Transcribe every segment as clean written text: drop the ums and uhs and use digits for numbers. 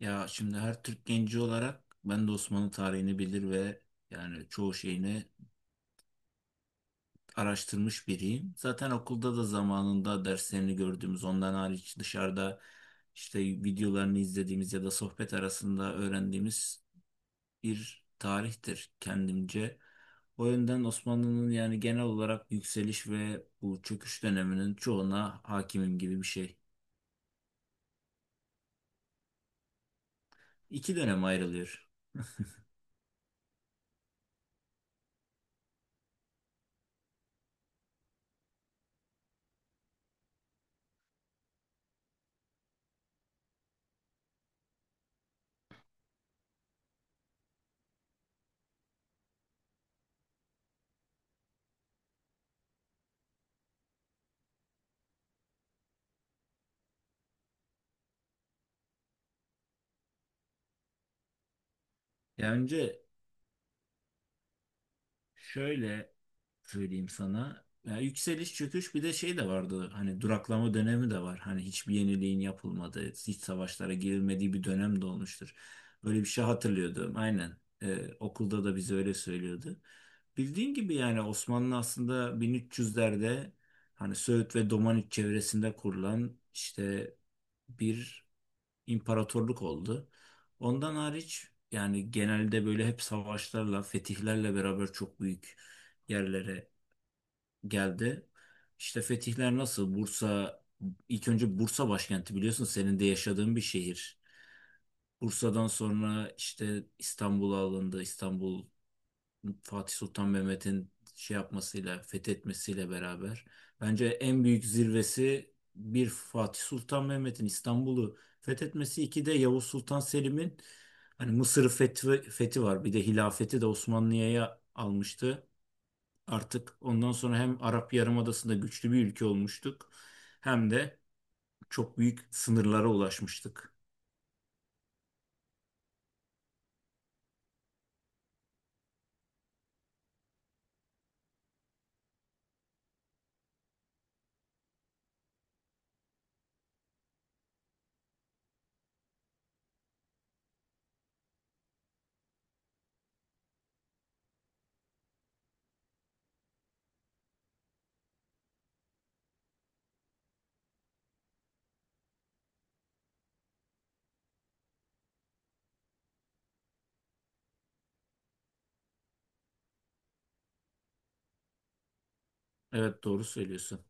Ya şimdi her Türk genci olarak ben de Osmanlı tarihini bilir ve yani çoğu şeyini araştırmış biriyim. Zaten okulda da zamanında derslerini gördüğümüz ondan hariç dışarıda işte videolarını izlediğimiz ya da sohbet arasında öğrendiğimiz bir tarihtir kendimce. O yönden Osmanlı'nın yani genel olarak yükseliş ve bu çöküş döneminin çoğuna hakimim gibi bir şey. İki dönem ayrılıyor. Ya önce şöyle söyleyeyim sana. Ya yükseliş çöküş bir de şey de vardı hani duraklama dönemi de var. Hani hiçbir yeniliğin yapılmadığı, hiç savaşlara girilmediği bir dönem de olmuştur. Böyle bir şey hatırlıyordum aynen. Okulda da bize öyle söylüyordu. Bildiğin gibi yani Osmanlı aslında 1300'lerde hani Söğüt ve Domaniç çevresinde kurulan işte bir imparatorluk oldu. Ondan hariç yani genelde böyle hep savaşlarla, fetihlerle beraber çok büyük yerlere geldi. İşte fetihler nasıl? Bursa ilk önce Bursa başkenti, biliyorsun senin de yaşadığın bir şehir. Bursa'dan sonra işte İstanbul'a alındı. İstanbul Fatih Sultan Mehmet'in şey yapmasıyla, fethetmesiyle beraber. Bence en büyük zirvesi bir Fatih Sultan Mehmet'in İstanbul'u fethetmesi, iki de Yavuz Sultan Selim'in hani Mısır'ı fethi var. Bir de hilafeti de Osmanlı'ya almıştı. Artık ondan sonra hem Arap Yarımadası'nda güçlü bir ülke olmuştuk hem de çok büyük sınırlara ulaşmıştık. Evet, doğru söylüyorsun.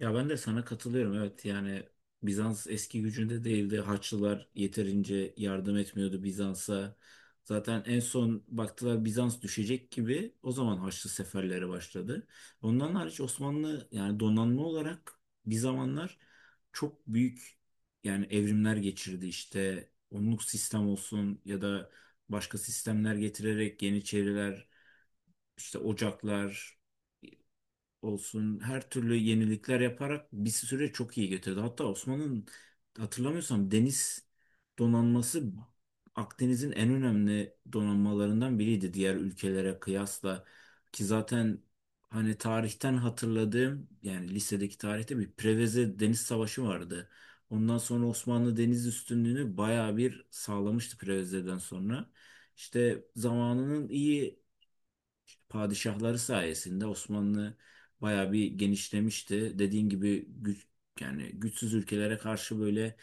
Ya ben de sana katılıyorum. Evet, yani Bizans eski gücünde değildi. Haçlılar yeterince yardım etmiyordu Bizans'a. Zaten en son baktılar Bizans düşecek gibi, o zaman Haçlı seferleri başladı. Ondan hariç Osmanlı yani donanma olarak bir zamanlar çok büyük yani evrimler geçirdi işte. Onluk sistem olsun ya da başka sistemler getirerek Yeniçeriler, işte Ocaklar olsun her türlü yenilikler yaparak bir süre çok iyi götürdü. Hatta Osman'ın hatırlamıyorsam deniz donanması Akdeniz'in en önemli donanmalarından biriydi diğer ülkelere kıyasla ki zaten hani tarihten hatırladığım yani lisedeki tarihte bir Preveze Deniz Savaşı vardı. Ondan sonra Osmanlı deniz üstünlüğünü bayağı bir sağlamıştı Preveze'den sonra. İşte zamanının iyi padişahları sayesinde Osmanlı bayağı bir genişlemişti. Dediğin gibi güç yani güçsüz ülkelere karşı böyle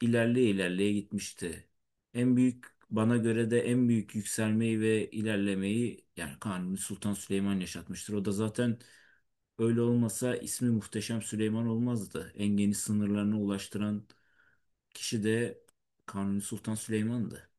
ilerleye ilerleye gitmişti. En büyük bana göre de en büyük yükselmeyi ve ilerlemeyi yani Kanuni Sultan Süleyman yaşatmıştır. O da zaten öyle olmasa ismi Muhteşem Süleyman olmazdı. En geniş sınırlarına ulaştıran kişi de Kanuni Sultan Süleyman'dı.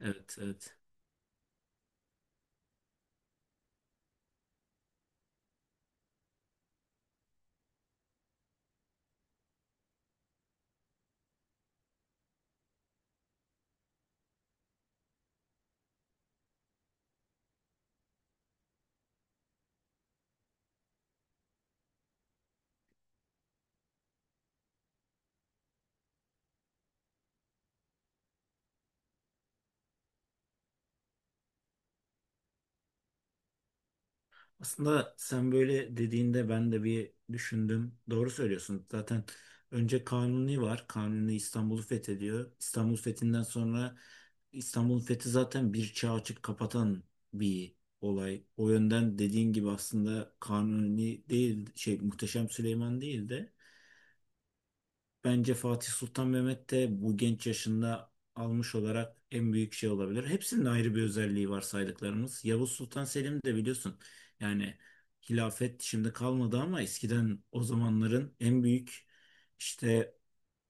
Evet, evet. Aslında sen böyle dediğinde ben de bir düşündüm. Doğru söylüyorsun. Zaten önce Kanuni var. Kanuni İstanbul'u fethediyor. İstanbul fethinden sonra İstanbul'un fethi zaten bir çağ açıp kapatan bir olay. O yönden dediğin gibi aslında Kanuni değil şey Muhteşem Süleyman değil de bence Fatih Sultan Mehmet de bu genç yaşında almış olarak en büyük şey olabilir. Hepsinin ayrı bir özelliği var saydıklarımız. Yavuz Sultan Selim de biliyorsun yani hilafet şimdi kalmadı ama eskiden o zamanların en büyük işte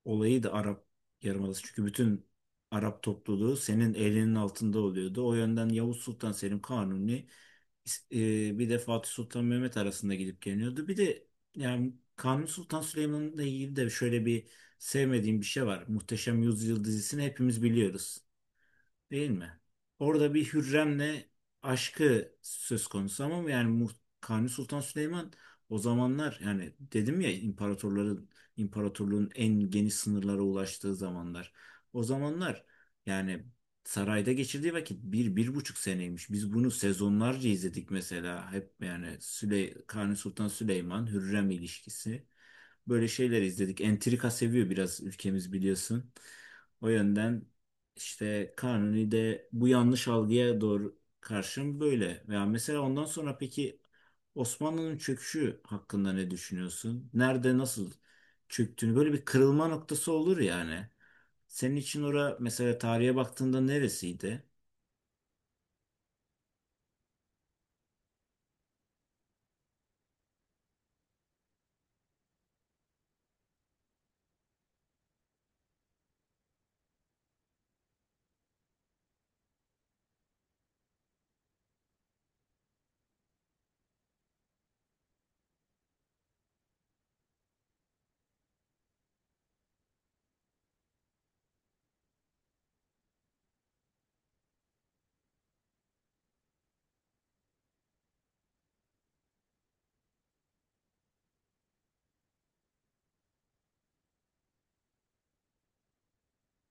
olayı da Arap Yarımadası. Çünkü bütün Arap topluluğu senin elinin altında oluyordu. O yönden Yavuz Sultan Selim Kanuni bir de Fatih Sultan Mehmet arasında gidip geliyordu. Bir de yani Kanuni Sultan Süleyman'la ilgili de şöyle bir sevmediğim bir şey var. Muhteşem Yüzyıl dizisini hepimiz biliyoruz. Değil mi? Orada bir Hürrem'le aşkı söz konusu ama yani Kanuni Sultan Süleyman o zamanlar yani dedim ya imparatorluğun en geniş sınırlara ulaştığı zamanlar. O zamanlar yani sarayda geçirdiği vakit bir, bir buçuk seneymiş. Biz bunu sezonlarca izledik mesela. Hep yani Kanuni Sultan Süleyman, Hürrem ilişkisi. Böyle şeyler izledik. Entrika seviyor biraz ülkemiz, biliyorsun. O yönden işte Kanuni de bu yanlış algıya doğru karşım böyle. Veya mesela ondan sonra peki Osmanlı'nın çöküşü hakkında ne düşünüyorsun? Nerede nasıl çöktüğünü böyle bir kırılma noktası olur yani. Senin için ora mesela tarihe baktığında neresiydi?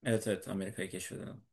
Evet, evet, Amerika'yı keşfedelim.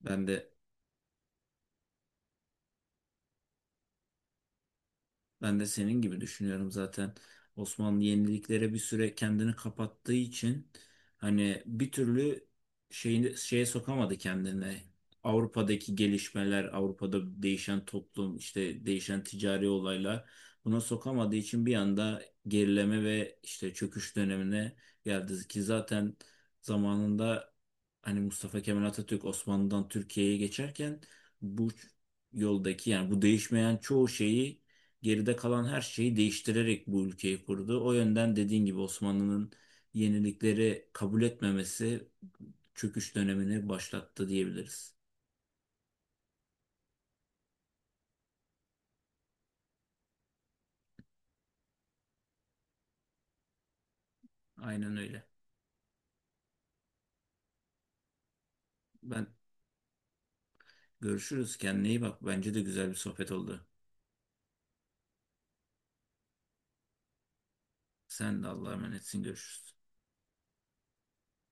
Ben de Ben de senin gibi düşünüyorum zaten. Osmanlı yeniliklere bir süre kendini kapattığı için hani bir türlü şeyini şeye sokamadı kendini. Avrupa'daki gelişmeler, Avrupa'da değişen toplum, işte değişen ticari olaylar buna sokamadığı için bir anda gerileme ve işte çöküş dönemine geldi ki zaten zamanında hani Mustafa Kemal Atatürk Osmanlı'dan Türkiye'ye geçerken bu yoldaki yani bu değişmeyen çoğu şeyi geride kalan her şeyi değiştirerek bu ülkeyi kurdu. O yönden dediğin gibi Osmanlı'nın yenilikleri kabul etmemesi çöküş dönemini başlattı diyebiliriz. Aynen öyle. Ben görüşürüz. Kendine iyi bak. Bence de güzel bir sohbet oldu. Sen de Allah'a emanetsin. Görüşürüz.